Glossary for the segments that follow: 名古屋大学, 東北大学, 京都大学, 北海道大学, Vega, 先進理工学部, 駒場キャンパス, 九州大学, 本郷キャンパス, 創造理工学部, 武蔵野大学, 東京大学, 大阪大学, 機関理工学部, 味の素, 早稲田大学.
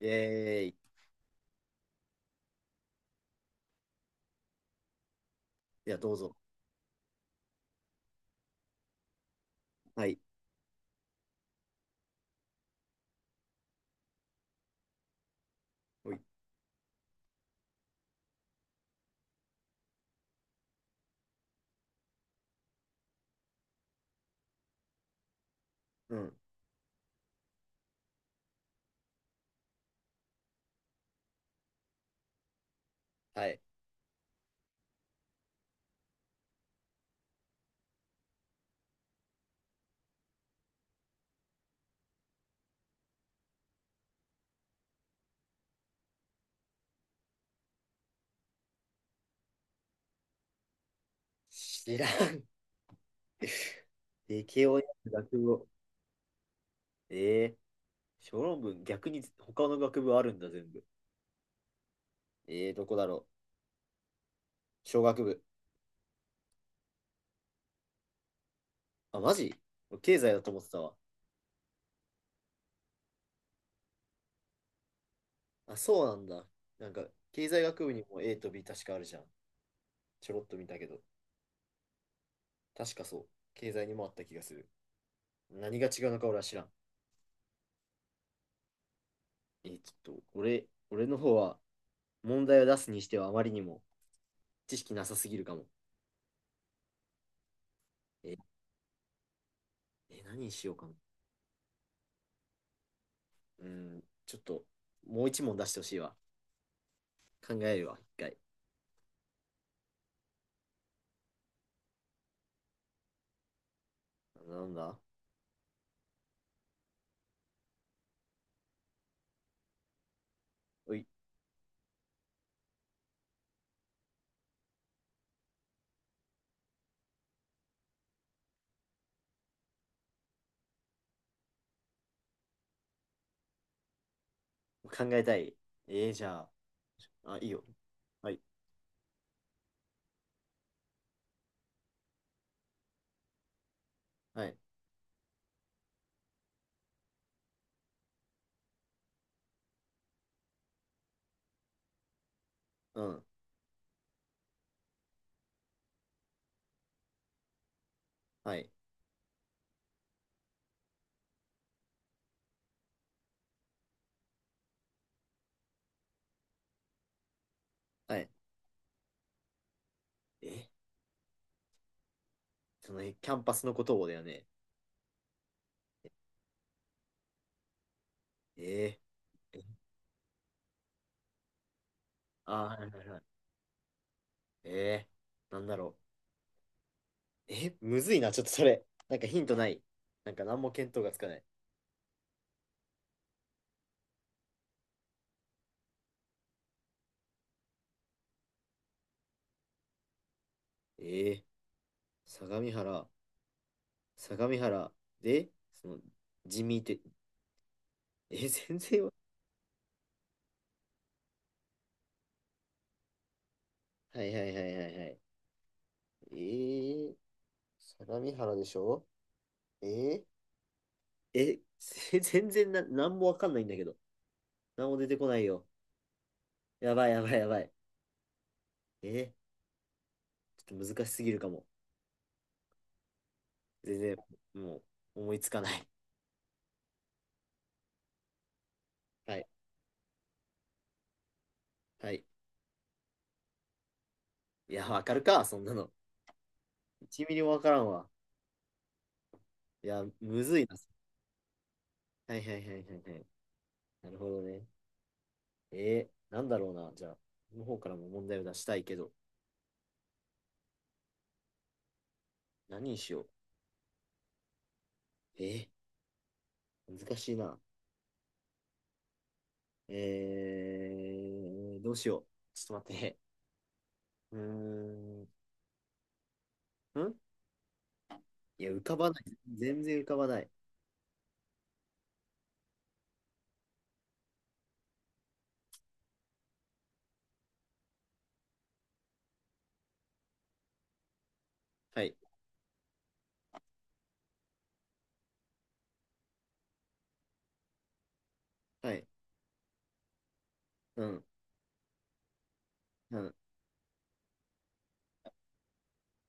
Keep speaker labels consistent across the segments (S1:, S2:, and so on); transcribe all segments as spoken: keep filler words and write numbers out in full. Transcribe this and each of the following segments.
S1: えーい。いや、どうぞ。はい。おい。うん。はい。知らん。理系をやる学部を。えー、小論文、逆に他の学部あるんだ、全部。えー、どこだろう。小学部。あ、マジ経済だと思ってたわ。あ、そうなんだ。なんか、経済学部にも A と ビー 確かあるじゃん。ちょろっと見たけど。確かそう。経済にもあった気がする。何が違うのか俺は知らん。えー、ちょっと、俺、俺の方は、問題を出すにしてはあまりにも知識なさすぎるかも。えー、えー何にしようかな。うん、ちょっと、もう一問出してほしいわ。考えるわ、一回。なんだおい、考えたい。えー、じゃあ、あ、いいよ。はい、はい、うん、はい、はい。え、その、えキャンパスのことをだよね？えー、えあー、はいはいはい。えー、なんだろう。え、むずいな、ちょっとそれ。なんかヒントない？なんか何も見当がつかない。えー、相模原、相模原で、その、地味って、え、全然わ、はいはいはいはいはい。えー相模原でしょ？えー、え、全然な、なんもわかんないんだけど。なんも出てこないよ。やばいやばいやばい。えー、ちょっと難しすぎるかも。全然、もう、思いつかない。はい。はい。いや、わかるか、そんなの。いちミリミリもわからんわ。いや、むずいな。はいはいはいはいはい。なるほどね。えー、なんだろうな。じゃあ、この方からも問題を出したいけど、何にしよう。えー、難しいな。えー、どうしよう。ちょっと待って。うーん。んいや、浮かばない。全然浮かばない。はい。はい。うん。うん。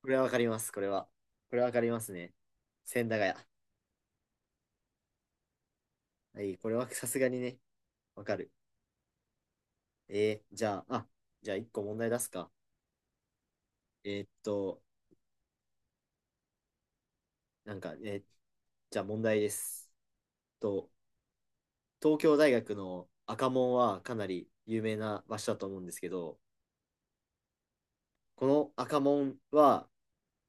S1: これはわかります。これは。これはわかりますね。千駄ヶ谷。はい。これはさすがにね、わかる。えー、じゃあ、あ、じゃあ一個問題出すか。えーっと、なんかね、えーじゃあ問題です。と、東京大学の赤門はかなり有名な場所だと思うんですけど、この赤門は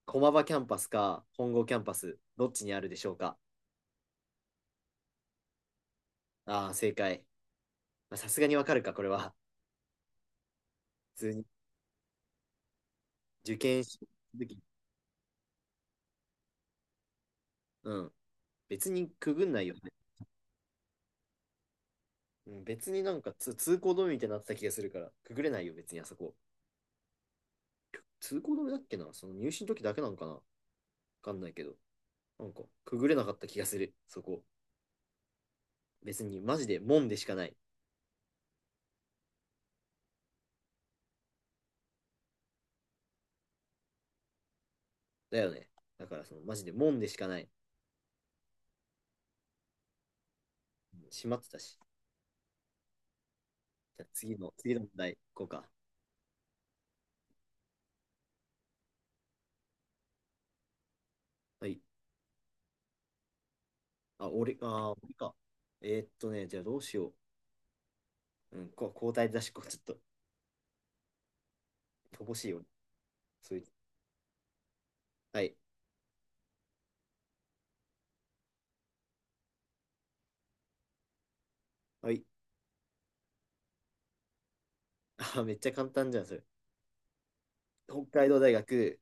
S1: 駒場キャンパスか本郷キャンパス、どっちにあるでしょうか？ああー、正解。まあさすがにわかるか、これは。普通に受験し時、うん。別にくぐんないよね。うん、別になんかつ通行止めみたいになってた気がするから、くぐれないよ、別にあそこ。通行止めだっけな、その入試の時だけなのかな、わかんないけど。なんか、くぐれなかった気がする、そこ。別に、マジで門でしかない。だよね。だから、その、マジで門でしかない。うん、閉まってたし。じゃあ次の、次の問題、こうか。はい。あ、俺、あー、俺か。えーっとね、じゃあどうしよう。うん、こ交代だし、こうちょっと、乏しいよ。そういうはい。はい。あ、めっちゃ簡単じゃん、それ。北海道大学、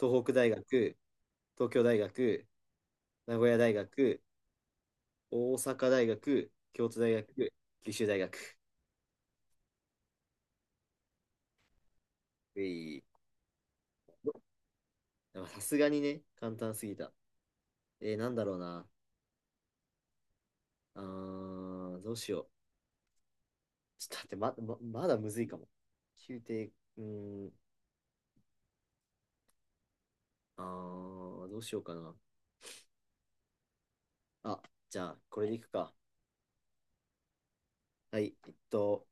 S1: 東北大学、東京大学、名古屋大学、大阪大学、京都大学、九州大学。うい。でもさすがにね、簡単すぎた。えー、なんだろうな。あー、どうしよう。ちょっと待って、ま、ま、まだむずいかも。宮廷、うーん、あー、どうしようかな。あ、じゃあ、これでいくか。はい、えっと、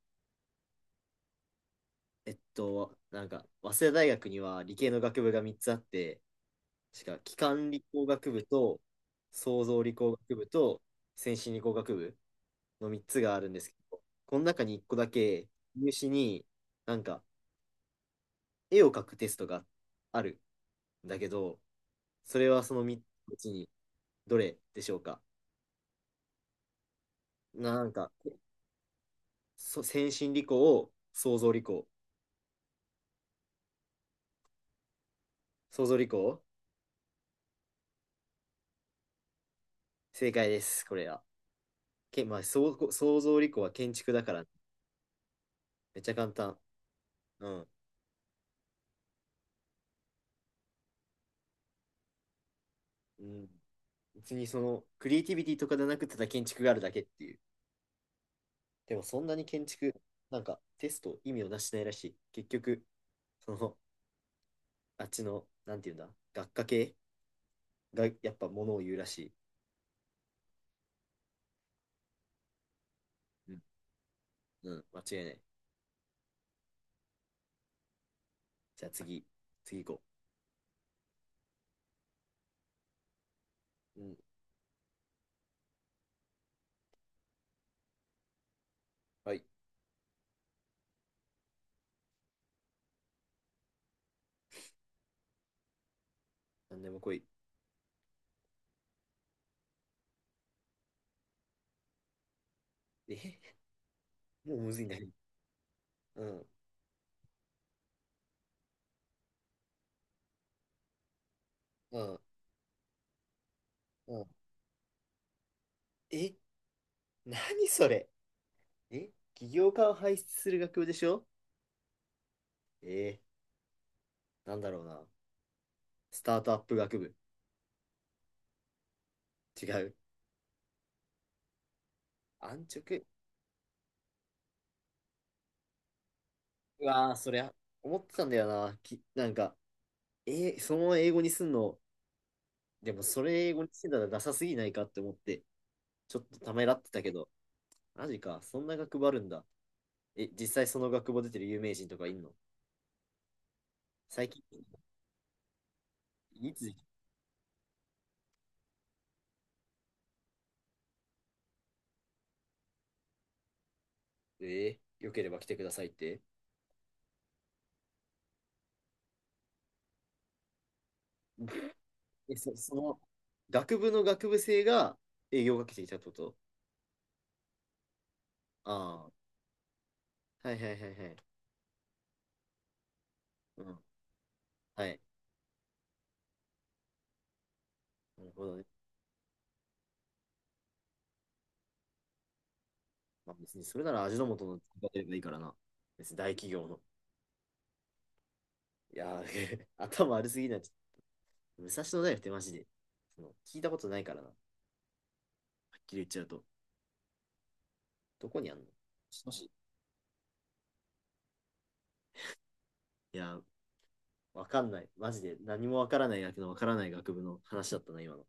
S1: えっと、なんか、早稲田大学には理系の学部がみっつあって、しか、機関理工学部と創造理工学部と先進理工学部のみっつがあるんですけど、この中にいっこだけ入試になんか絵を描くテストがあるんだけど、それはそのみっつのうちにどれでしょうか？なんか、そ先進理工、創造理工、創造理工、正解です、これは。け、まあ、そう創造理工は建築だから、めっちゃ簡単。うん。うん別にそのクリエイティビティとかじゃなくてただ建築があるだけっていう。でもそんなに建築、なんかテスト意味をなしてないらしい。結局、そのあっちの、なんていうんだ、学科系がやっぱものを言うらしい。うん、うん、間違いない。じゃあ次、次行こう。うん、はい。なんでも来い。え、もうむずいんだけど。うん、うん、うん。え、何それ？え、起業家を輩出する学部でしょ？えー、なんだろうな。スタートアップ学部。違う。安直。うわー、そりゃ、思ってたんだよな。き、なんか、えーそのまま英語にすんの、でもそれ英語にしてたらダサすぎないかって思って、ちょっとためらってたけど、マジか、そんな学部あるんだ。え、実際その学部出てる有名人とかいんの？最近、いつ、えー、よければ来てくださいって。え、そ、その、学部の学部生が営業をかけてきたってこと？ああ、はいはいはいはい。うん、はい。なるほどね。まあ、別にそれなら味の素の作りればいいからな。別に大企業の。いやー、頭悪すぎない？武蔵野大学ってマジで、その聞いたことないからな。はっきり言っちゃうと。どこにあんの？少し。いやー、わかんない。マジで何もわからない学のわからない学部の話だったな、今の。